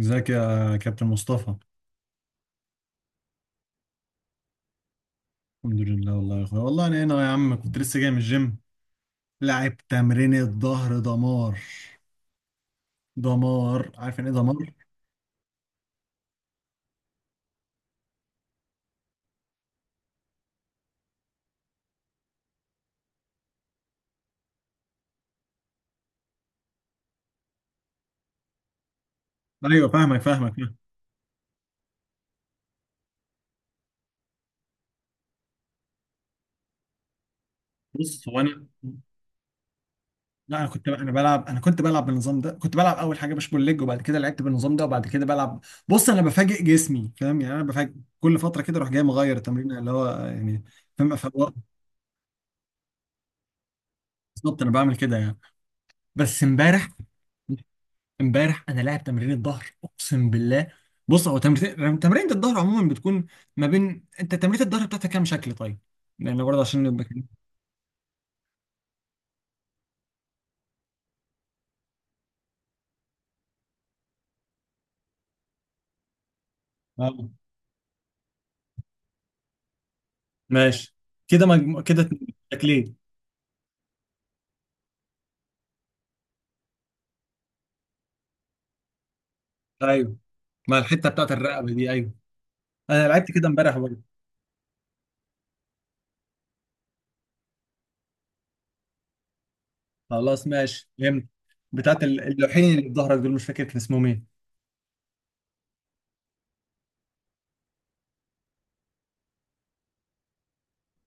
ازيك يا كابتن مصطفى. الحمد لله والله يا اخويا، والله انا هنا يا عم، كنت لسه جاي من الجيم، لعب تمرين الظهر دمار. دمار، عارف يعني ايه دمار؟ ايوه فاهمك. بص، هو انا لا انا كنت، انا كنت بلعب بالنظام ده، كنت بلعب اول حاجه بوش بول ليج، وبعد كده لعبت بالنظام ده، وبعد كده بلعب. بص انا بفاجئ جسمي، فاهم يعني؟ انا بفاجئ كل فتره كده، اروح جاي مغير التمرين، اللي هو يعني، فاهم، أفوق. بالظبط، انا بعمل كده يعني. بس امبارح، امبارح انا لاعب تمرين الظهر اقسم بالله. بص هو تمرين الظهر عموما بتكون ما بين، انت تمرين الظهر بتاعتك كام شكل طيب؟ لان برضه عشان نبقى كده. اه، ماشي، كده كده اتنين. شكلين. ايوه، مع الحته بتاعت الرقبه دي، ايوه. انا لعبت كده امبارح برضه. خلاص ماشي فهمت. بتاعت اللوحين اللي في ظهرك دول، مش فاكر كان اسمهم ايه.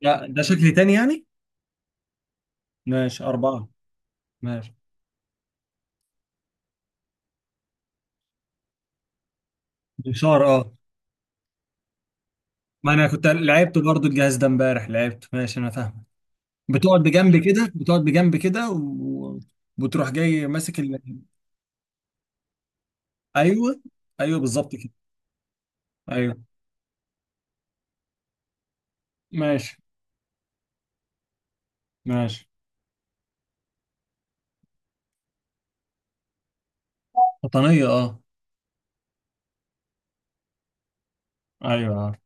لا ده شكل تاني يعني. ماشي، اربعه. ماشي. بشار، اه. ما انا كنت لعبت برضه الجهاز ده امبارح، لعبت، ماشي، انا فاهم. بتقعد بجنب كده، بتقعد بجنب كده وبتروح جاي ماسك ايوه، ايوه بالظبط كده. ايوه، ماشي. ماشي. قطنية، اه. ايوه عارف.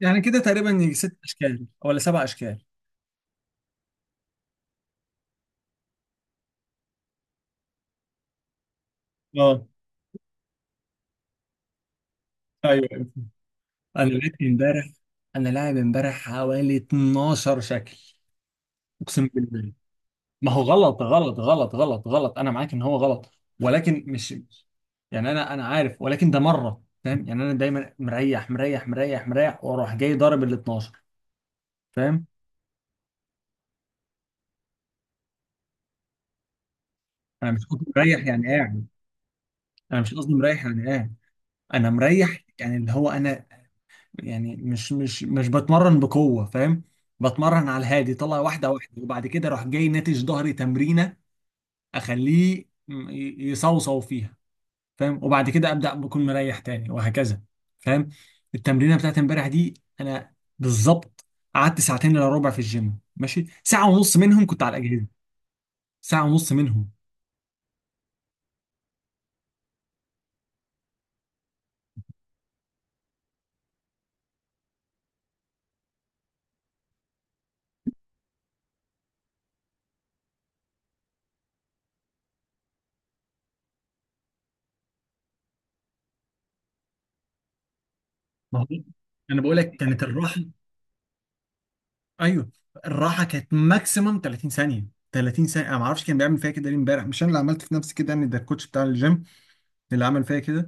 يعني كده تقريبا يجي ست اشكال ولا سبع اشكال؟ اه، ايوه، أيوة. انا لعبت امبارح، انا لاعب امبارح حوالي 12 شكل اقسم بالله. ما هو غلط، انا معاك ان هو غلط، ولكن مش يعني، انا انا عارف، ولكن ده مره، فاهم يعني؟ انا دايما مريح، واروح جاي ضارب ال 12، فاهم. انا مش قصدي مريح يعني قاعد، انا مش قصدي مريح يعني قاعد، انا مريح يعني اللي هو انا، يعني مش بتمرن بقوه، فاهم؟ بتمرن على الهادي، طلع واحده وبعد كده اروح جاي ناتج ظهري تمرينه، اخليه يصوصو فيها، فاهم؟ وبعد كده ابدا بكون مريح تاني، وهكذا، فاهم. التمرينه بتاعت امبارح دي، انا بالظبط قعدت ساعتين الا ربع في الجيم، ماشي، ساعه ونص منهم كنت على الاجهزه، ساعه ونص منهم. ما هو انا بقول لك، كانت الراحه، ايوه الراحه كانت ماكسيمم 30 ثانيه، 30 ثانيه. انا ما اعرفش كان بيعمل فيا كده ليه امبارح، مش انا اللي عملت في نفسي كده يعني، ده الكوتش بتاع الجيم اللي عمل فيا كده.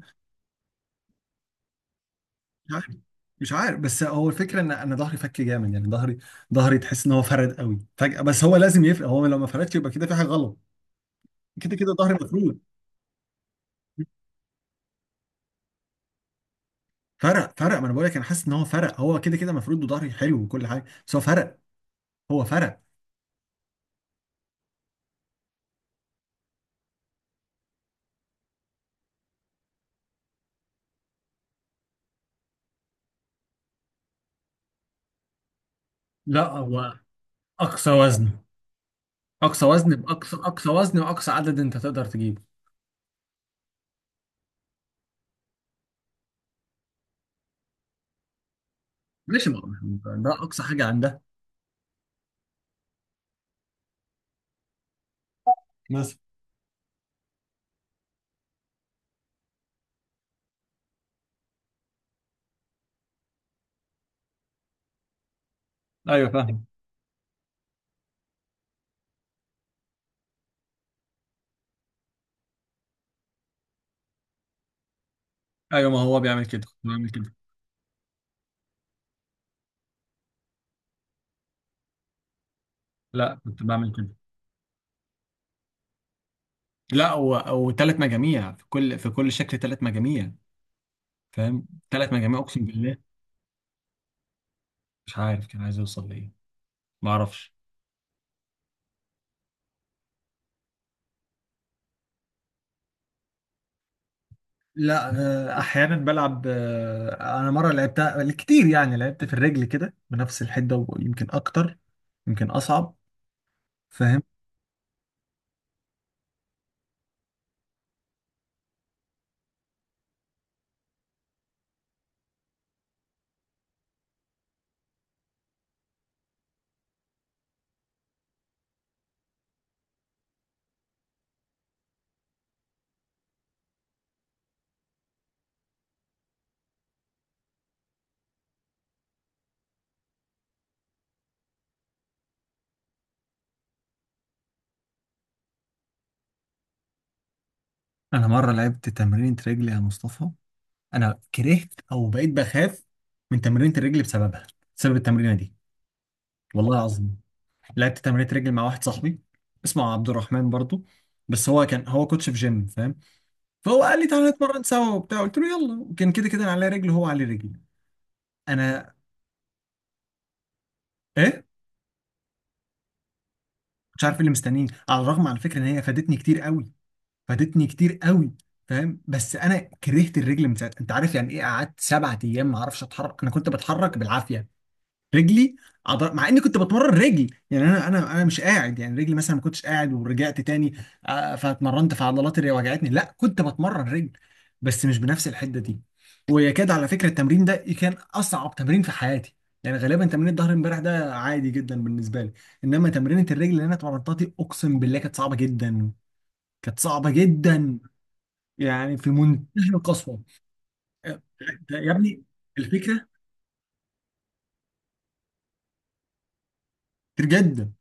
مش عارف، مش عارف، بس هو الفكره ان انا ظهري فك جامد، يعني ظهري، ظهري تحس ان هو فرد قوي فجاه، بس هو لازم يفرق، هو لو ما فردش يبقى كده في حاجه غلط. كده كده ظهري مفروض فرق، فرق. ما انا بقول لك انا حاسس ان هو فرق، هو كده كده مفروض، وظهري حلو وكل حاجه، بس هو فرق، هو فرق. لا هو اقصى وزن، اقصى وزن، باقصى اقصى وزن واقصى عدد انت تقدر تجيبه. ماشي، ده اقصى حاجه عندها مثلا. ايوه فاهم. ايوه ما هو بيعمل كده، كنت بعمل كده. لا كنت بعمل كده. لا، وثلاث مجاميع في كل شكل، ثلاث مجاميع، فاهم، ثلاث مجاميع اقسم بالله. مش عارف كان عايز يوصل لايه، ما اعرفش. لا، آه، احيانا بلعب، آه، انا مره لعبتها كتير يعني، لعبت في الرجل كده بنفس الحده ويمكن اكتر، يمكن اصعب، فاهم. انا مره لعبت تمرينة رجل يا مصطفى، انا كرهت او بقيت بخاف من تمرينة الرجل بسببها، بسبب التمرينه دي. والله العظيم لعبت تمرينة رجل مع واحد صاحبي، اسمه عبد الرحمن برضو، بس هو كان، هو كوتش في جيم، فاهم. فهو قال لي تعالى نتمرن سوا وبتاع، قلت له يلا، وكان كده كده انا على رجل وهو على رجل. انا، ايه؟ مش عارف إيه اللي مستنيني، على الرغم على فكره ان هي فادتني كتير قوي، فادتني كتير قوي، فاهم، بس انا كرهت الرجل من ساعتها. انت عارف يعني ايه قعدت سبعة ايام ما اعرفش اتحرك؟ انا كنت بتحرك بالعافيه، رجلي مع اني كنت بتمرن رجل، يعني انا انا مش قاعد يعني، رجلي مثلا ما كنتش قاعد ورجعت تاني. آه، فاتمرنت في عضلات اللي وجعتني، لا كنت بتمرن رجل، بس مش بنفس الحده دي. ويكاد على فكره التمرين ده كان اصعب تمرين في حياتي، يعني غالبا تمرين الظهر امبارح ده عادي جدا بالنسبه لي، انما تمرينه الرجل اللي انا اتمرنتها دي اقسم بالله كانت صعبه جدا، كانت صعبه جدا، يعني في منتهى القسوه. آه، ده يا ابني الفكره، كتير جدا،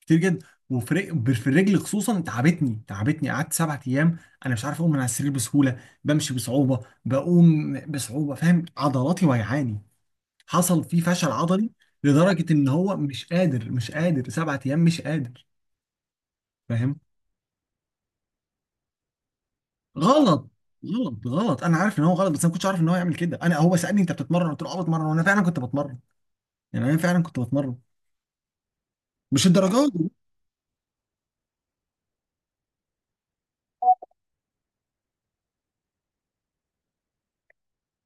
كتير جدا، وفي في الرجل خصوصا تعبتني، تعبتني، قعدت سبعة ايام انا مش عارف اقوم من على السرير بسهوله، بمشي بصعوبه، بقوم بصعوبه، فاهم، عضلاتي وجعاني، حصل في فشل عضلي، لدرجه ان هو مش قادر، مش قادر سبعة ايام مش قادر، فاهم. غلط، غلط، غلط انا عارف ان هو غلط، بس انا ما كنتش عارف ان هو يعمل كده. انا، هو سالني انت بتتمرن، قلت له اه بتمرن، وانا فعلا كنت بتمرن، يعني انا فعلا كنت بتمرن، مش الدرجات دي.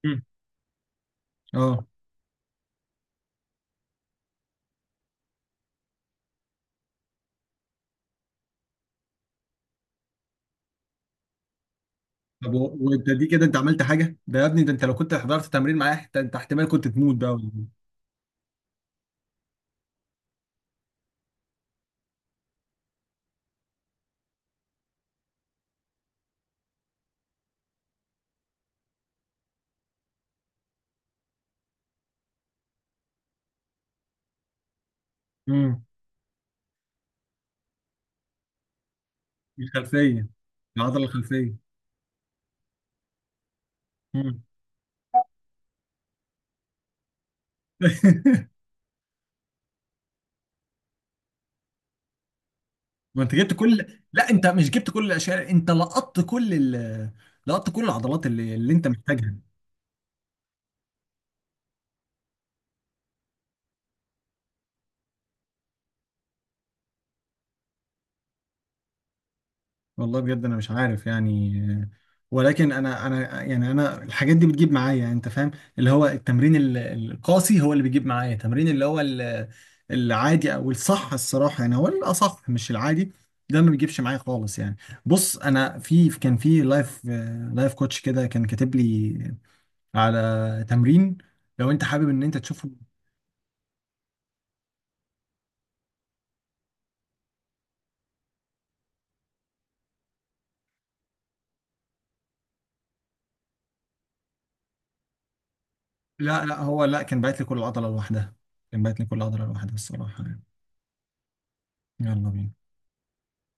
م. اه، طب وانت دي كده انت عملت حاجه، ده يا ابني ده انت لو كنت حضرت تمرين معايا حتى، انت احتمال كنت تموت بقى ولا حاجة. امم. الخلفيه، العضله الخلفيه. امم. ما انت جبت كل، لا انت مش جبت كل الاشياء، انت لقطت كل لقطت كل العضلات اللي انت محتاجها. والله بجد انا مش عارف يعني، ولكن انا يعني، انا الحاجات دي بتجيب معايا، يعني انت فاهم، اللي هو التمرين القاسي هو اللي بيجيب معايا، التمرين اللي هو العادي او الصح، الصراحه يعني هو الاصح مش العادي، ده ما بيجيبش معايا خالص يعني. بص انا في، كان في لايف، لايف كوتش كده كان كاتب لي على تمرين، لو انت حابب ان انت تشوفه. لا هو لا، كان باعت لي كل عضله لوحدها، كان باعت لي كل عضله لوحدها الصراحه يعني. يلا بينا.